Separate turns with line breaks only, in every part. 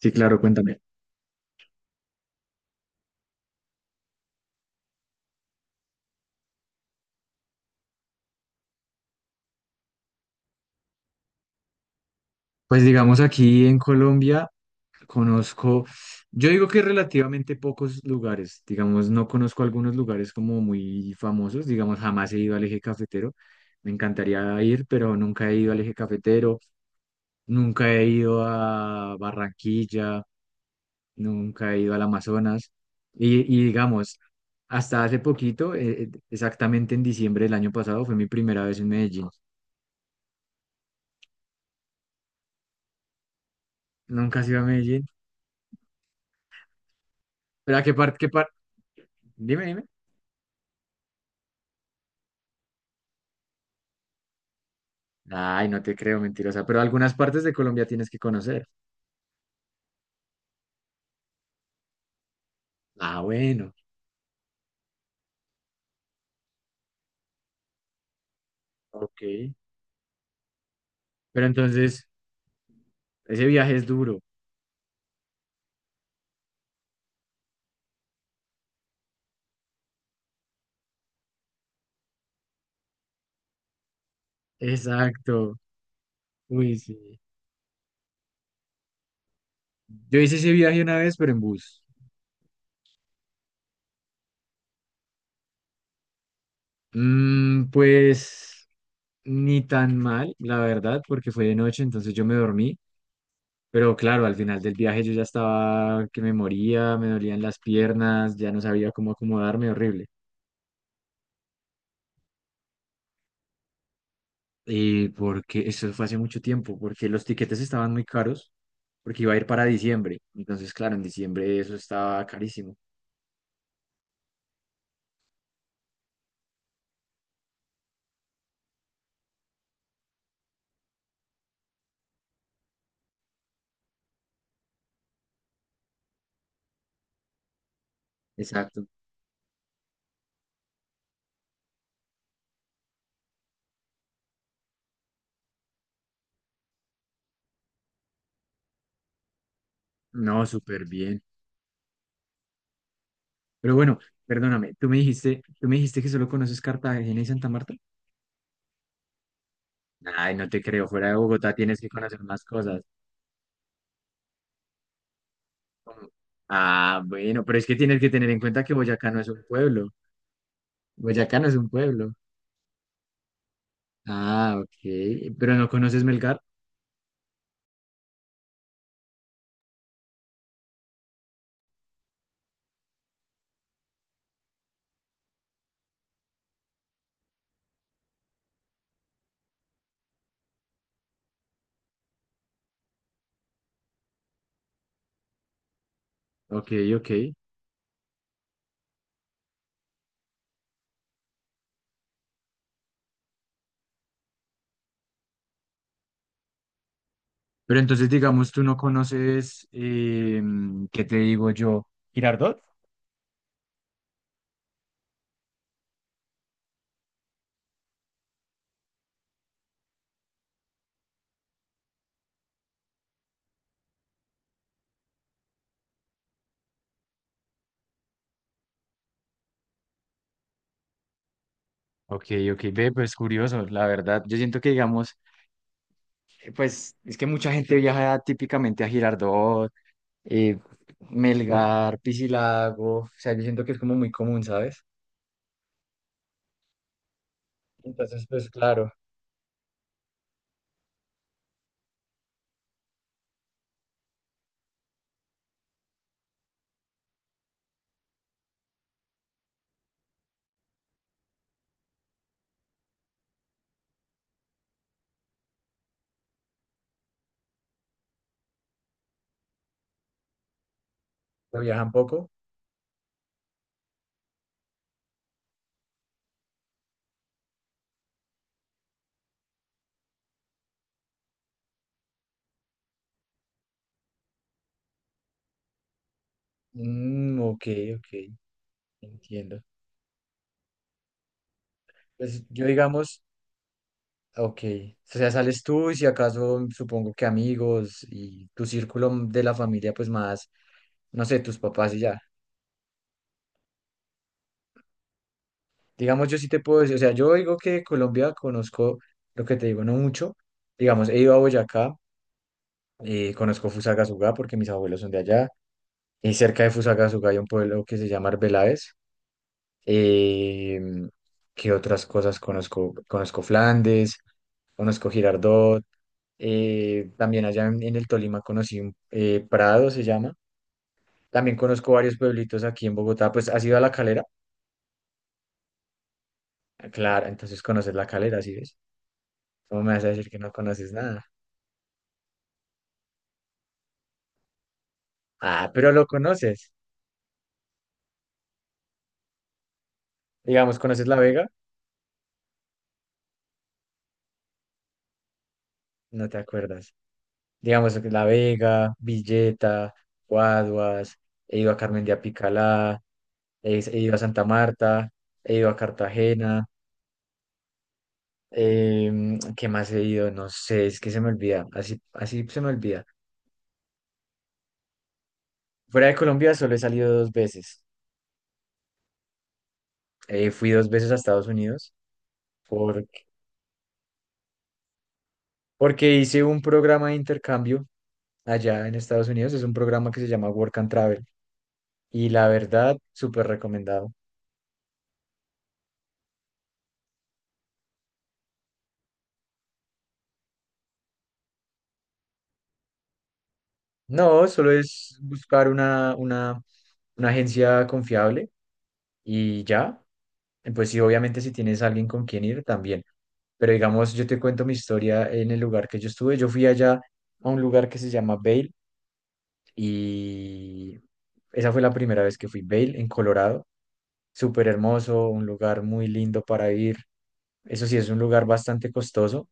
Sí, claro, cuéntame. Pues digamos aquí en Colombia conozco, yo digo que relativamente pocos lugares, digamos, no conozco algunos lugares como muy famosos, digamos, jamás he ido al Eje Cafetero, me encantaría ir, pero nunca he ido al Eje Cafetero, nunca he ido a Barranquilla, nunca he ido al Amazonas y digamos, hasta hace poquito, exactamente en diciembre del año pasado, fue mi primera vez en Medellín. Nunca he ido a Medellín, pero ¿a qué parte, qué parte? Dime, dime. Ay, no te creo, mentirosa. Pero algunas partes de Colombia tienes que conocer. Ah, bueno, ok. Pero entonces, ese viaje es duro. Exacto. Uy, sí. Yo hice ese viaje una vez, pero en bus. Mm, pues ni tan mal, la verdad, porque fue de noche, entonces yo me dormí. Pero claro, al final del viaje yo ya estaba que me moría, me dolían las piernas, ya no sabía cómo acomodarme, horrible. Porque eso fue hace mucho tiempo, porque los tiquetes estaban muy caros, porque iba a ir para diciembre. Entonces, claro, en diciembre eso estaba carísimo. Exacto. No, súper bien. Pero bueno, perdóname, tú me dijiste que solo conoces Cartagena y Santa Marta. Ay, no te creo, fuera de Bogotá tienes que conocer más cosas. Como... Ah, bueno, pero es que tienes que tener en cuenta que Boyacá no es un pueblo. Boyacá no es un pueblo. Ah, ok. Pero no conoces Melgar. Ok, ok. Pero entonces, digamos, tú no conoces, ¿qué te digo yo? Girardot. Ok, ok, ve, pues curioso, la verdad. Yo siento que, digamos, pues es que mucha gente viaja típicamente a Girardot, eh, Melgar, Piscilago, o sea, yo siento que es como muy común, ¿sabes? Entonces, pues claro, ¿lo viajan poco? Mm, ok, ok, entiendo. Pues yo, digamos, ok, o sea, sales tú y si acaso, supongo que amigos y tu círculo de la familia, pues más no sé, tus papás y ya. Digamos, yo sí te puedo decir, o sea, yo digo que Colombia conozco, lo que te digo, no mucho. Digamos, he ido a Boyacá, conozco Fusagasugá porque mis abuelos son de allá, y cerca de Fusagasugá hay un pueblo que se llama Arbeláez. Eh, ¿Qué otras cosas conozco? Conozco Flandes, conozco Girardot, también allá en el Tolima conocí un Prado, se llama. También conozco varios pueblitos aquí en Bogotá, pues has ido a La Calera, claro, entonces conoces La Calera, ¿sí ves? ¿Cómo me vas a decir que no conoces nada? Ah, pero lo conoces. Digamos, ¿conoces La Vega? No te acuerdas. Digamos que La Vega, Villeta, Guaduas, he ido a Carmen de Apicalá, he ido a Santa Marta, he ido a Cartagena. ¿Qué más he ido? No sé, es que se me olvida. Así, así se me olvida. Fuera de Colombia solo he salido dos veces. Fui dos veces a Estados Unidos porque, porque hice un programa de intercambio allá en Estados Unidos. Es un programa que se llama Work and Travel. Y la verdad, súper recomendado. No, solo es buscar una agencia confiable y ya. Pues sí, obviamente si tienes alguien con quien ir, también. Pero digamos, yo te cuento mi historia en el lugar que yo estuve. Yo fui allá a un lugar que se llama Vail y esa fue la primera vez que fui. Vail, en Colorado. Súper hermoso, un lugar muy lindo para ir. Eso sí, es un lugar bastante costoso,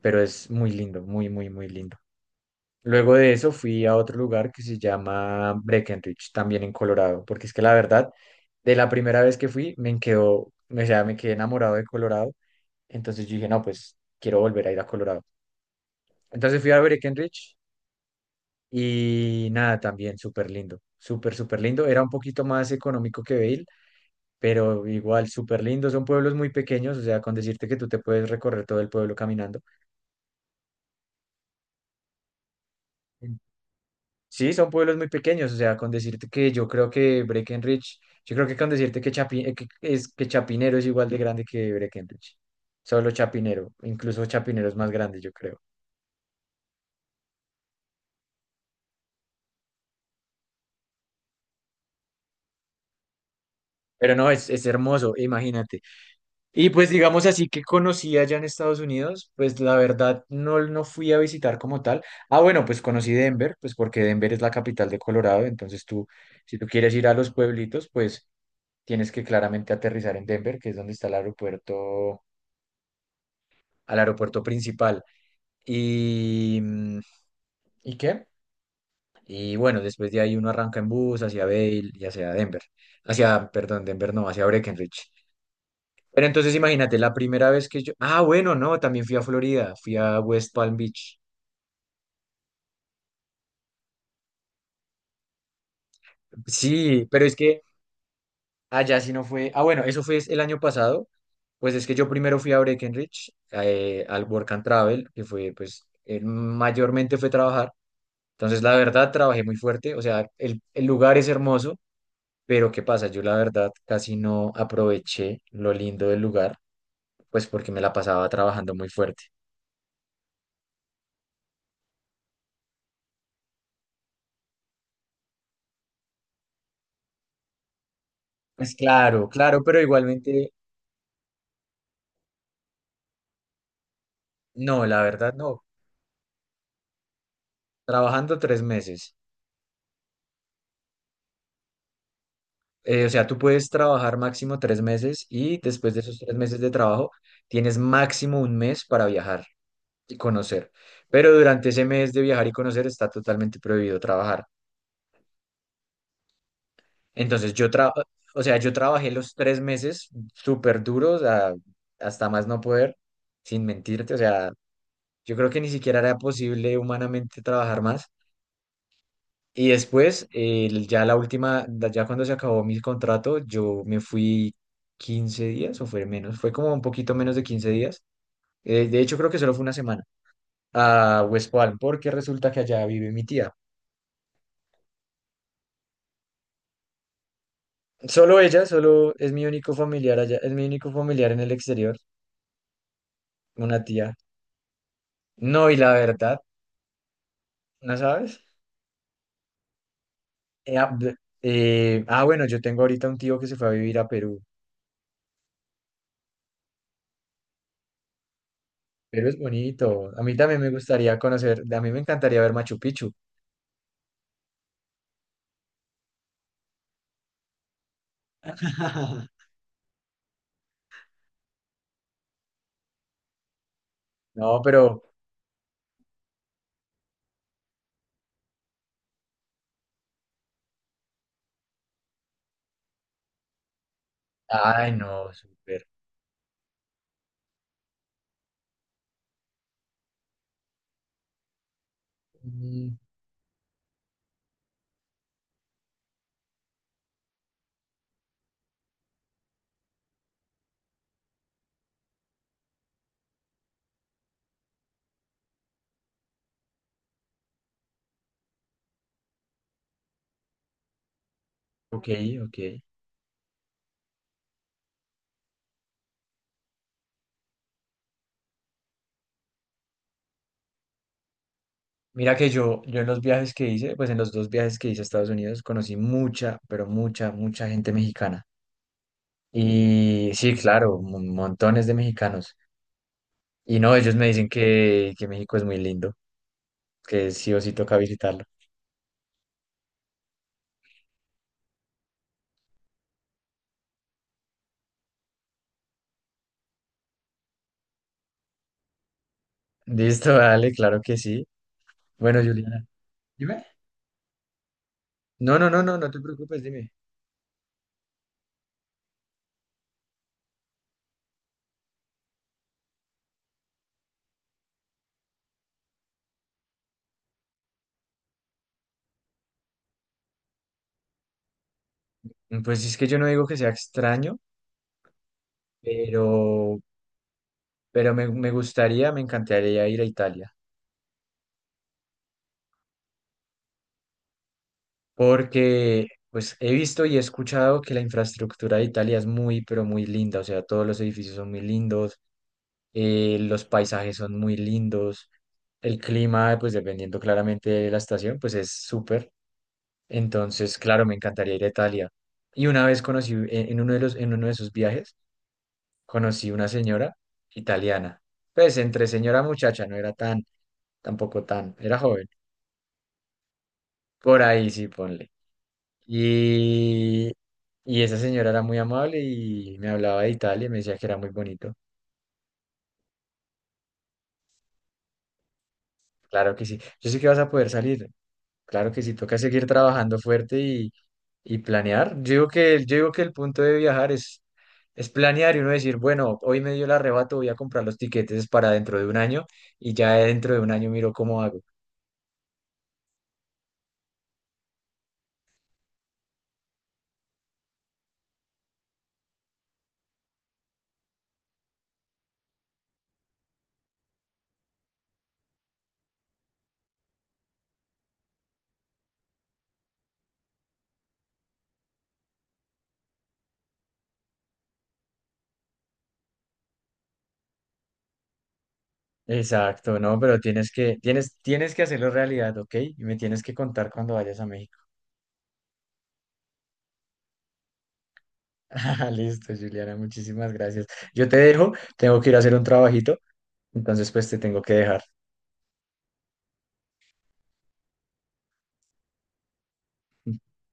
pero es muy lindo, muy, muy, muy lindo. Luego de eso fui a otro lugar que se llama Breckenridge, también en Colorado, porque es que la verdad, de la primera vez que fui, me quedó, o sea, me quedé enamorado de Colorado, entonces yo dije, no, pues quiero volver a ir a Colorado. Entonces fui a Breckenridge y nada, también súper lindo, súper, súper lindo. Era un poquito más económico que Vail, pero igual súper lindo. Son pueblos muy pequeños, o sea, con decirte que tú te puedes recorrer todo el pueblo caminando. Sí, son pueblos muy pequeños, o sea, con decirte que yo creo que Breckenridge, yo creo que con decirte que, que Chapinero es igual de grande que Breckenridge, solo Chapinero, incluso Chapinero es más grande, yo creo. Pero no, es hermoso, imagínate. Y pues digamos así que conocí allá en Estados Unidos, pues la verdad no, no fui a visitar como tal. Ah, bueno, pues conocí Denver, pues porque Denver es la capital de Colorado, entonces tú, si tú quieres ir a los pueblitos, pues tienes que claramente aterrizar en Denver, que es donde está el aeropuerto al aeropuerto principal. Y, mm, ¿y qué? Y bueno, después de ahí uno arranca en bus hacia Vail y hacia Denver. Hacia, perdón, Denver no, hacia Breckenridge. Pero entonces imagínate, la primera vez que yo... Ah, bueno, no, también fui a Florida, fui a West Palm Beach. Sí, pero es que allá sí no fue... Ah, bueno, eso fue el año pasado. Pues es que yo primero fui a Breckenridge, al Work and Travel, que fue, pues, mayormente fue trabajar. Entonces, la verdad, trabajé muy fuerte. O sea, el lugar es hermoso. Pero ¿qué pasa? Yo la verdad casi no aproveché lo lindo del lugar, pues porque me la pasaba trabajando muy fuerte. Pues claro, claro, pero igualmente, no, la verdad no. Trabajando 3 meses. O sea, tú puedes trabajar máximo 3 meses y después de esos 3 meses de trabajo tienes máximo un mes para viajar y conocer. Pero durante ese mes de viajar y conocer está totalmente prohibido trabajar. Entonces yo tra- o sea, yo trabajé los 3 meses súper duros a- hasta más no poder, sin mentirte. O sea, yo creo que ni siquiera era posible humanamente trabajar más. Y después, ya la última, ya cuando se acabó mi contrato, yo me fui 15 días o fue menos, fue como un poquito menos de 15 días. De hecho, creo que solo fue una semana a West Palm, porque resulta que allá vive mi tía. Solo ella, solo es mi único familiar allá, es mi único familiar en el exterior, una tía. No, y la verdad, ¿no sabes? Eh, ah, b- bueno, yo tengo ahorita un tío que se fue a vivir a Perú. Perú es bonito. A mí también me gustaría conocer, a mí me encantaría ver Machu Picchu. No, pero, ay, no, súper. Mm, ok, ok. Mira que yo en los viajes que hice, pues en los dos viajes que hice a Estados Unidos, conocí mucha, pero mucha, mucha gente mexicana. Y sí, claro, mon- montones de mexicanos. Y no, ellos me dicen que México es muy lindo, que sí o sí toca visitarlo. Listo, dale, claro que sí. Bueno, Juliana. Dime. No, no, no, no, no te preocupes, dime. Pues es que yo no digo que sea extraño, pero, pero me gustaría, me encantaría ir a Italia, porque pues he visto y he escuchado que la infraestructura de Italia es muy, pero muy linda, o sea, todos los edificios son muy lindos, los paisajes son muy lindos, el clima, pues dependiendo claramente de la estación, pues es súper. Entonces, claro, me encantaría ir a Italia. Y una vez conocí, en uno de los, en uno de esos viajes, conocí una señora italiana. Pues entre señora muchacha, no era tan, tampoco tan, era joven. Por ahí sí, ponle. Y, y esa señora era muy amable y me hablaba de Italia y me decía que era muy bonito. Claro que sí. Yo sé que vas a poder salir. Claro que sí, toca seguir trabajando fuerte y planear. Yo digo que, el- yo digo que el punto de viajar es planear y uno decir, bueno, hoy me dio el arrebato, voy a comprar los tiquetes para dentro de un año y ya dentro de un año miro cómo hago. Exacto, no, pero tienes que, tienes, tienes que hacerlo realidad, ¿ok? Y me tienes que contar cuando vayas a México. Ah, listo, Juliana, muchísimas gracias. Yo te dejo, tengo que ir a hacer un trabajito, entonces pues te tengo que dejar.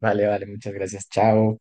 Vale, vale, muchas gracias. Chao.